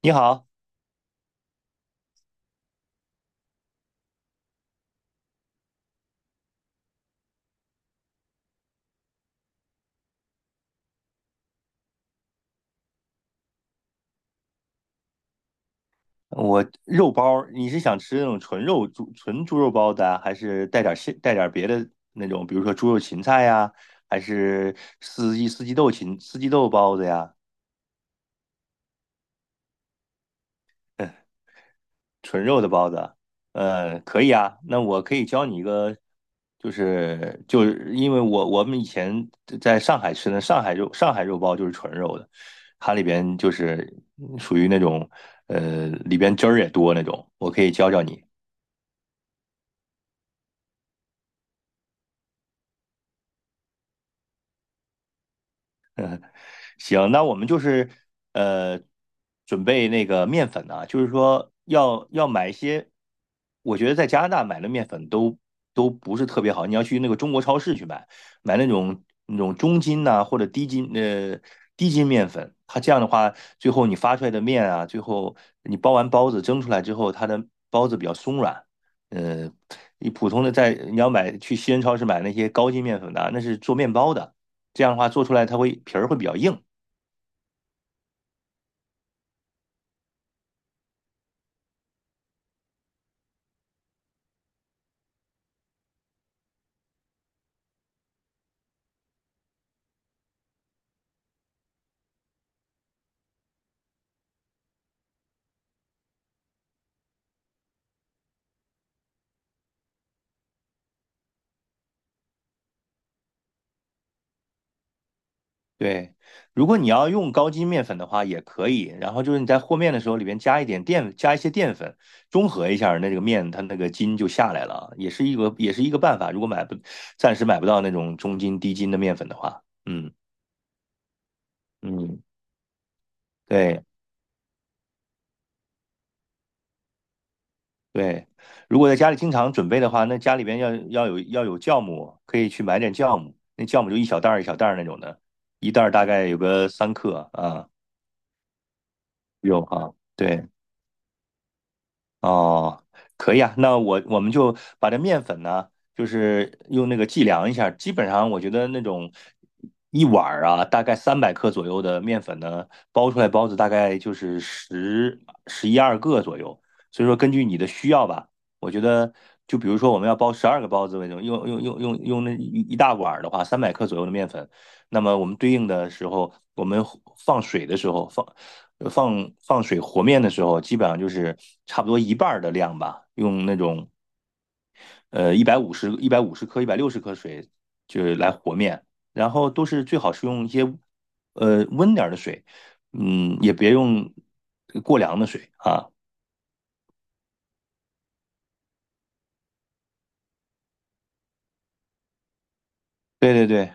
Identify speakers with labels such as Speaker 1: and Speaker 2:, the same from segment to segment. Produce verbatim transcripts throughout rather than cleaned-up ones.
Speaker 1: 你好，我肉包儿你是想吃那种纯肉猪纯猪肉包子啊，还是带点儿馅带点儿别的那种，比如说猪肉芹菜呀，还是四季四季豆芹四季豆包子呀？纯肉的包子，呃，可以啊。那我可以教你一个，就是就是因为我我们以前在上海吃的上海肉上海肉包就是纯肉的，它里边就是属于那种呃里边汁儿也多那种。我可以教教你，行，那我们就是呃，准备那个面粉呢，就是说要要买一些，我觉得在加拿大买的面粉都都不是特别好，你要去那个中国超市去买，买那种那种中筋呐、或者低筋呃低筋面粉，它这样的话，最后你发出来的面啊，最后你包完包子蒸出来之后，它的包子比较松软，呃，你普通的在你要买去西人超市买那些高筋面粉的啊那是做面包的。这样的话做出来它会皮儿会比较硬，对，如果你要用高筋面粉的话，也可以。然后就是你在和面的时候，里边加一点淀，加一些淀粉，中和一下那这个面，它那个筋就下来了啊，也是一个也是一个办法。如果买不，暂时买不到那种中筋低筋的面粉的话，嗯嗯，对对。如果在家里经常准备的话，那家里边要要有要有酵母，可以去买点酵母，那酵母就一小袋儿一小袋儿那种的，一袋儿大概有个三克啊，有啊，对。哦，可以啊，那我我们就把这面粉呢，就是用那个计量一下，基本上我觉得那种一碗儿啊，大概三百克左右的面粉呢，包出来包子大概就是十十一二个左右，所以说根据你的需要吧，我觉得就比如说我们要包十二个包子为准，用用用用用那一一大碗儿的话，三百克左右的面粉，那么我们对应的时候，我们放水的时候放放放水和面的时候，基本上就是差不多一半的量吧，用那种呃一百五十一百五十克、一百六十克水就是来和面，然后都是最好是用一些呃温点儿的水，嗯，也别用过凉的水啊。对对对，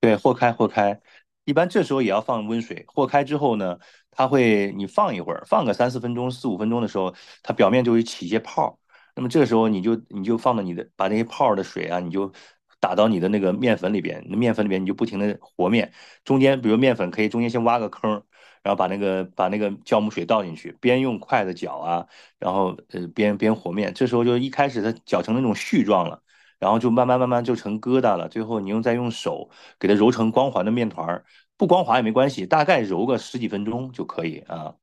Speaker 1: 对，和开和开，一般这时候也要放温水。和开之后呢，它会你放一会儿，放个三四分钟、四五分钟的时候，它表面就会起一些泡儿。那么这个时候你就你就放到你的把那些泡儿的水啊，你就打到你的那个面粉里边，那面粉里边你就不停的和面，中间比如面粉可以中间先挖个坑儿，然后把那个把那个酵母水倒进去，边用筷子搅啊，然后呃边边和面。这时候就一开始它搅成那种絮状了，然后就慢慢慢慢就成疙瘩了，最后你用再用手。给它揉成光滑的面团儿，不光滑也没关系，大概揉个十几分钟就可以啊。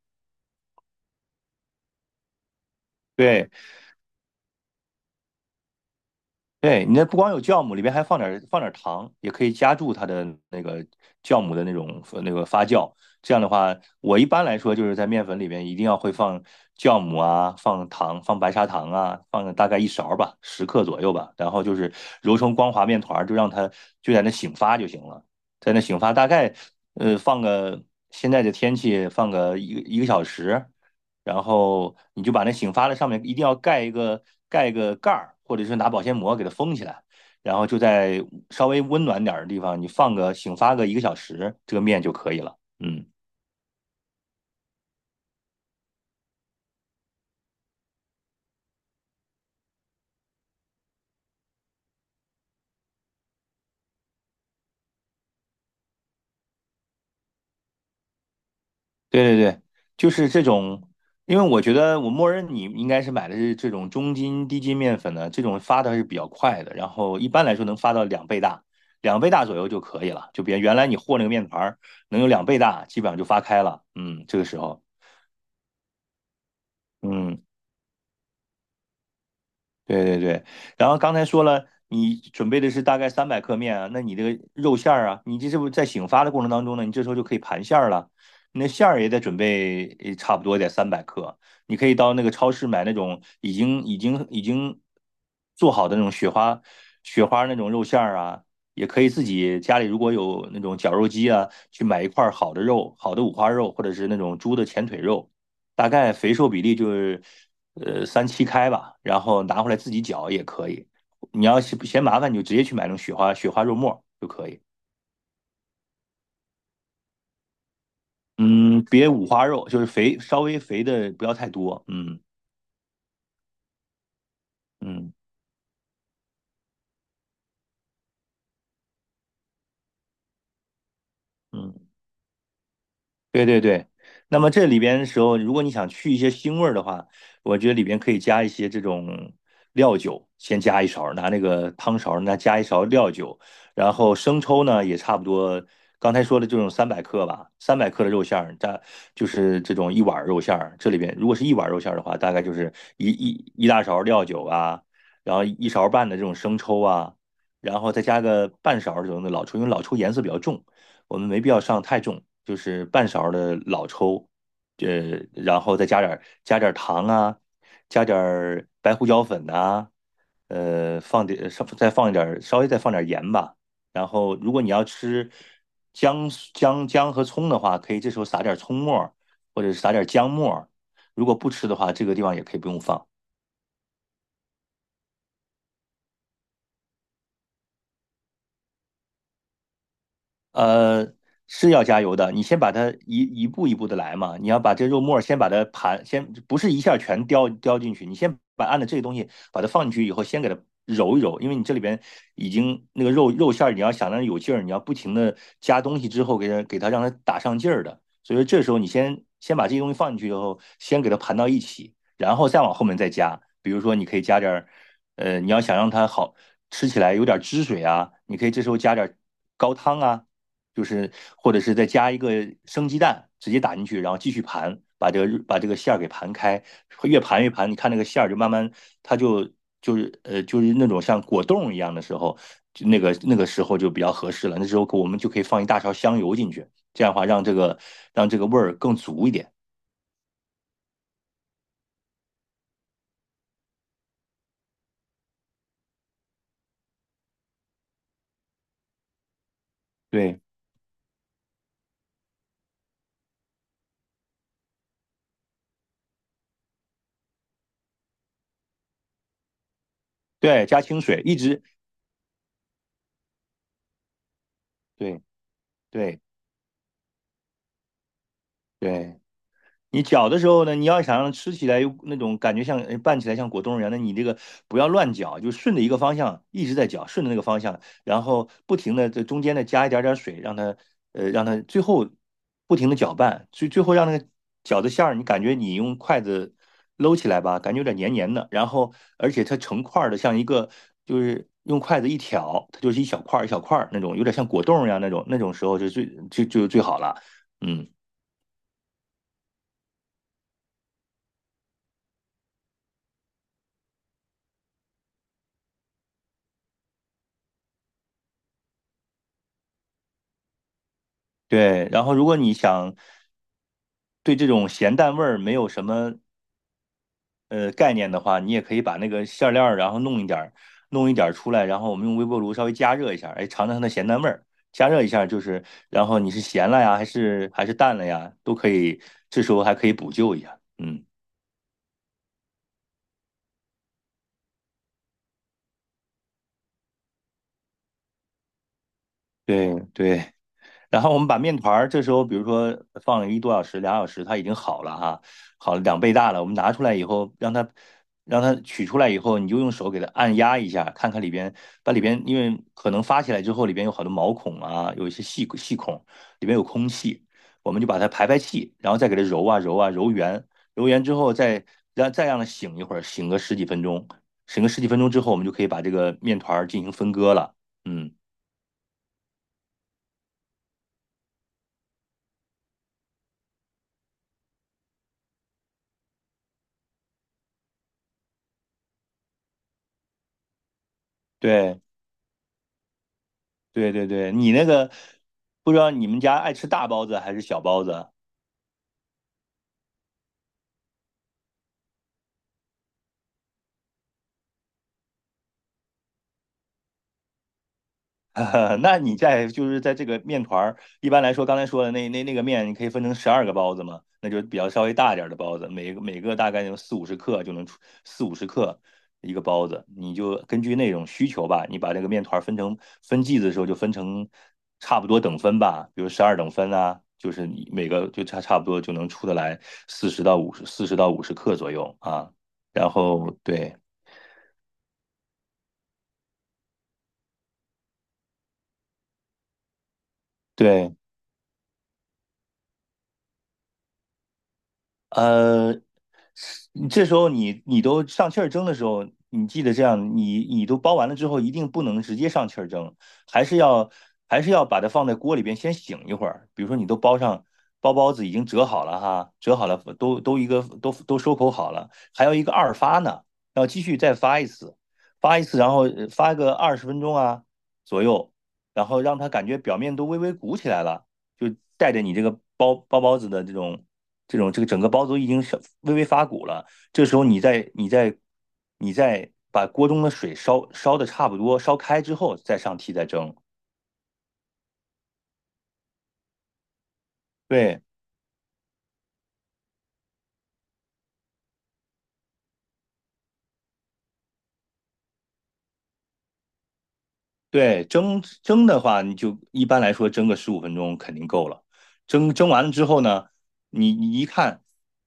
Speaker 1: 对，对，你那不光有酵母，里边还放点放点糖，也可以加注它的那个酵母的那种那个发酵。这样的话，我一般来说就是在面粉里边一定要会放酵母啊，放糖，放白砂糖啊，放大概一勺儿吧，十克左右吧。然后就是揉成光滑面团儿，就让它就在那醒发就行了，在那醒发大概呃放个现在的天气放个一个一个小时，然后你就把那醒发的上面一定要盖一个盖一个盖儿，或者是拿保鲜膜给它封起来，然后就在稍微温暖点儿的地方，你放个醒发个一个小时，这个面就可以了。嗯，对对对，就是这种，因为我觉得我默认你应该是买的是这种中筋、低筋面粉的，这种发的还是比较快的，然后一般来说能发到两倍大。两倍大左右就可以了，就别原来你和那个面团儿能有两倍大，基本上就发开了。嗯，这个时候，嗯，对对对，然后刚才说了，你准备的是大概三百克面啊，那你这个肉馅儿啊，你这是不是在醒发的过程当中呢？你这时候就可以盘馅儿了，你那馅儿也得准备呃差不多得三百克，你可以到那个超市买那种已经已经已经做好的那种雪花雪花那种肉馅儿啊，也可以自己家里如果有那种绞肉机啊，去买一块儿好的肉，好的五花肉或者是那种猪的前腿肉。大概肥瘦比例就是呃三七开吧，然后拿回来自己搅也可以。你要是嫌麻烦，你就直接去买那种雪花雪花肉末就可以。嗯，别五花肉，就是肥稍微肥的不要太多。嗯嗯嗯，对对对，那么这里边的时候，如果你想去一些腥味儿的话，我觉得里边可以加一些这种料酒，先加一勺儿拿那个汤勺儿，那加一勺料酒，然后生抽呢也差不多，刚才说的这种三百克吧，三百克的肉馅儿，大就是这种一碗儿肉馅儿，这里边如果是一碗儿肉馅儿的话，大概就是一一一大勺料酒啊，然后一勺半的这种生抽啊，然后再加个半勺儿这种的老抽，因为老抽颜色比较重。我们没必要上太重，就是半勺的老抽，呃，然后再加点加点糖啊，加点白胡椒粉呐、呃，放点稍再放一点稍微再放点盐吧。然后如果你要吃姜姜姜和葱的话，可以这时候撒点葱末儿或者是撒点姜末儿如果不吃的话，这个地方也可以不用放。呃，是要加油的。你先把它一一步一步的来嘛。你要把这肉沫儿先把它盘，先不是一下全叼叼进去，你先把按照这个东西把它放进去以后，先给它揉一揉，因为你这里边已经那个肉肉馅儿，你要想让它有劲儿，你要不停的加东西之后给它给它让它打上劲儿的。所以说这时候你先先把这些东西放进去以后，先给它盘到一起，然后再往后面再加。比如说你可以加点儿，呃，你要想让它好吃起来有点汁水啊，你可以这时候加点儿高汤啊。就是或者是再加一个生鸡蛋，直接打进去，然后继续盘，把这个把这个馅儿给盘开，越盘越盘，你看那个馅儿就慢慢，它就就是呃就是那种像果冻一样的时候，就那个那个时候就比较合适了。那时候我们就可以放一大勺香油进去，这样的话让这个让这个味儿更足一点。对对，加清水，一直对对对。对，你搅的时候呢，你要想让它吃起来有那种感觉像呃拌起来像果冻一样，那你这个不要乱搅，就顺着一个方向一直在搅，顺着那个方向，然后不停的在中间呢加一点点水，让它呃让它最后不停的搅拌，最最后让那个饺子馅儿，你感觉你用筷子搂起来吧，感觉有点黏黏的，然后而且它成块儿的，像一个就是用筷子一挑，它就是一小块儿一小块儿那种，有点像果冻一样那种，那种时候就最就就最好了，嗯。对，然后如果你想对这种咸淡味儿没有什么呃概念的话，你也可以把那个馅料儿，然后弄一点儿，弄一点儿出来，然后我们用微波炉稍微加热一下，哎，尝尝它的咸淡味儿。加热一下就是，然后你是咸了呀，还是还是淡了呀，都可以，这时候还可以补救一下。嗯，对对。然后我们把面团儿这时候，比如说放了一多小时、两小时，它已经好了哈，好了两倍大了。我们拿出来以后，让它让它取出来以后，你就用手给它按压一下，看看里边，把里边因为可能发起来之后，里边有好多毛孔啊，有一些细细孔，里边有空气，我们就把它排排气，然后再给它揉啊揉啊揉圆，揉圆之后再让再让它醒一会儿，醒个十几分钟，醒个十几分钟之后，我们就可以把这个面团儿进行分割了。嗯，对。对对对，你那个不知道你们家爱吃大包子还是小包子？呃那你在就是在这个面团儿，一般来说，刚才说的那那那个面，你可以分成十二个包子嘛，那就是比较稍微大一点儿的包子，每个每个大概有四五十克就能出四五十克一个包子，你就根据那种需求吧，你把这个面团儿分成分剂子的时候就分成差不多等分吧，比如十二等分啊，就是你每个就差差不多就能出得来四十到五十四十到五十克左右啊，然后对对。呃，是这时候你你都上气儿蒸的时候，你记得这样，你你都包完了之后，一定不能直接上气儿蒸，还是要还是要把它放在锅里边先醒一会儿。比如说你都包上包包子已经折好了哈，折好了都都一个都都收口好了，还有一个二发呢，要继续再发一次，发一次，然后呃发个二十分钟啊左右，然后让它感觉表面都微微鼓起来了。就带着你这个包包包子的这种这种这个整个包子已经微微发鼓了，这时候你再你再你再把锅中的水烧烧的差不多烧开之后，再上屉再蒸。对，对，蒸蒸的话，你就一般来说蒸个十五分钟肯定够了。蒸蒸完了之后呢，你你一看，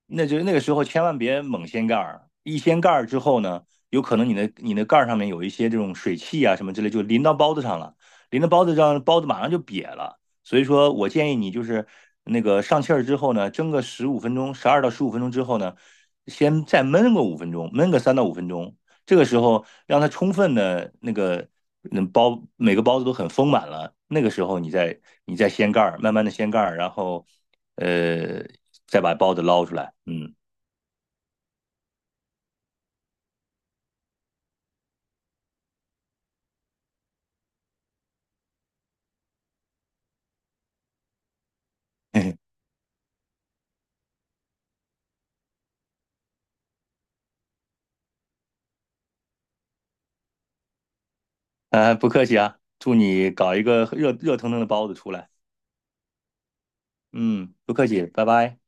Speaker 1: 那就那个时候千万别猛掀盖儿，一掀盖儿之后呢，有可能你的你的盖儿上面有一些这种水汽啊什么之类，就淋到包子上了，淋到包子上，包子马上就瘪了。所以说我建议你就是那个上气儿之后呢，蒸个十五分钟，十二到十五分钟之后呢，先再焖个五分钟，焖个三到五分钟，这个时候让它充分的那个嗯包每个包子都很丰满了，那个时候你再你再掀盖儿，慢慢的掀盖儿，然后呃再把包子捞出来，嗯，啊不客气啊，祝你搞一个热热腾腾的包子出来，嗯，不客气，拜拜。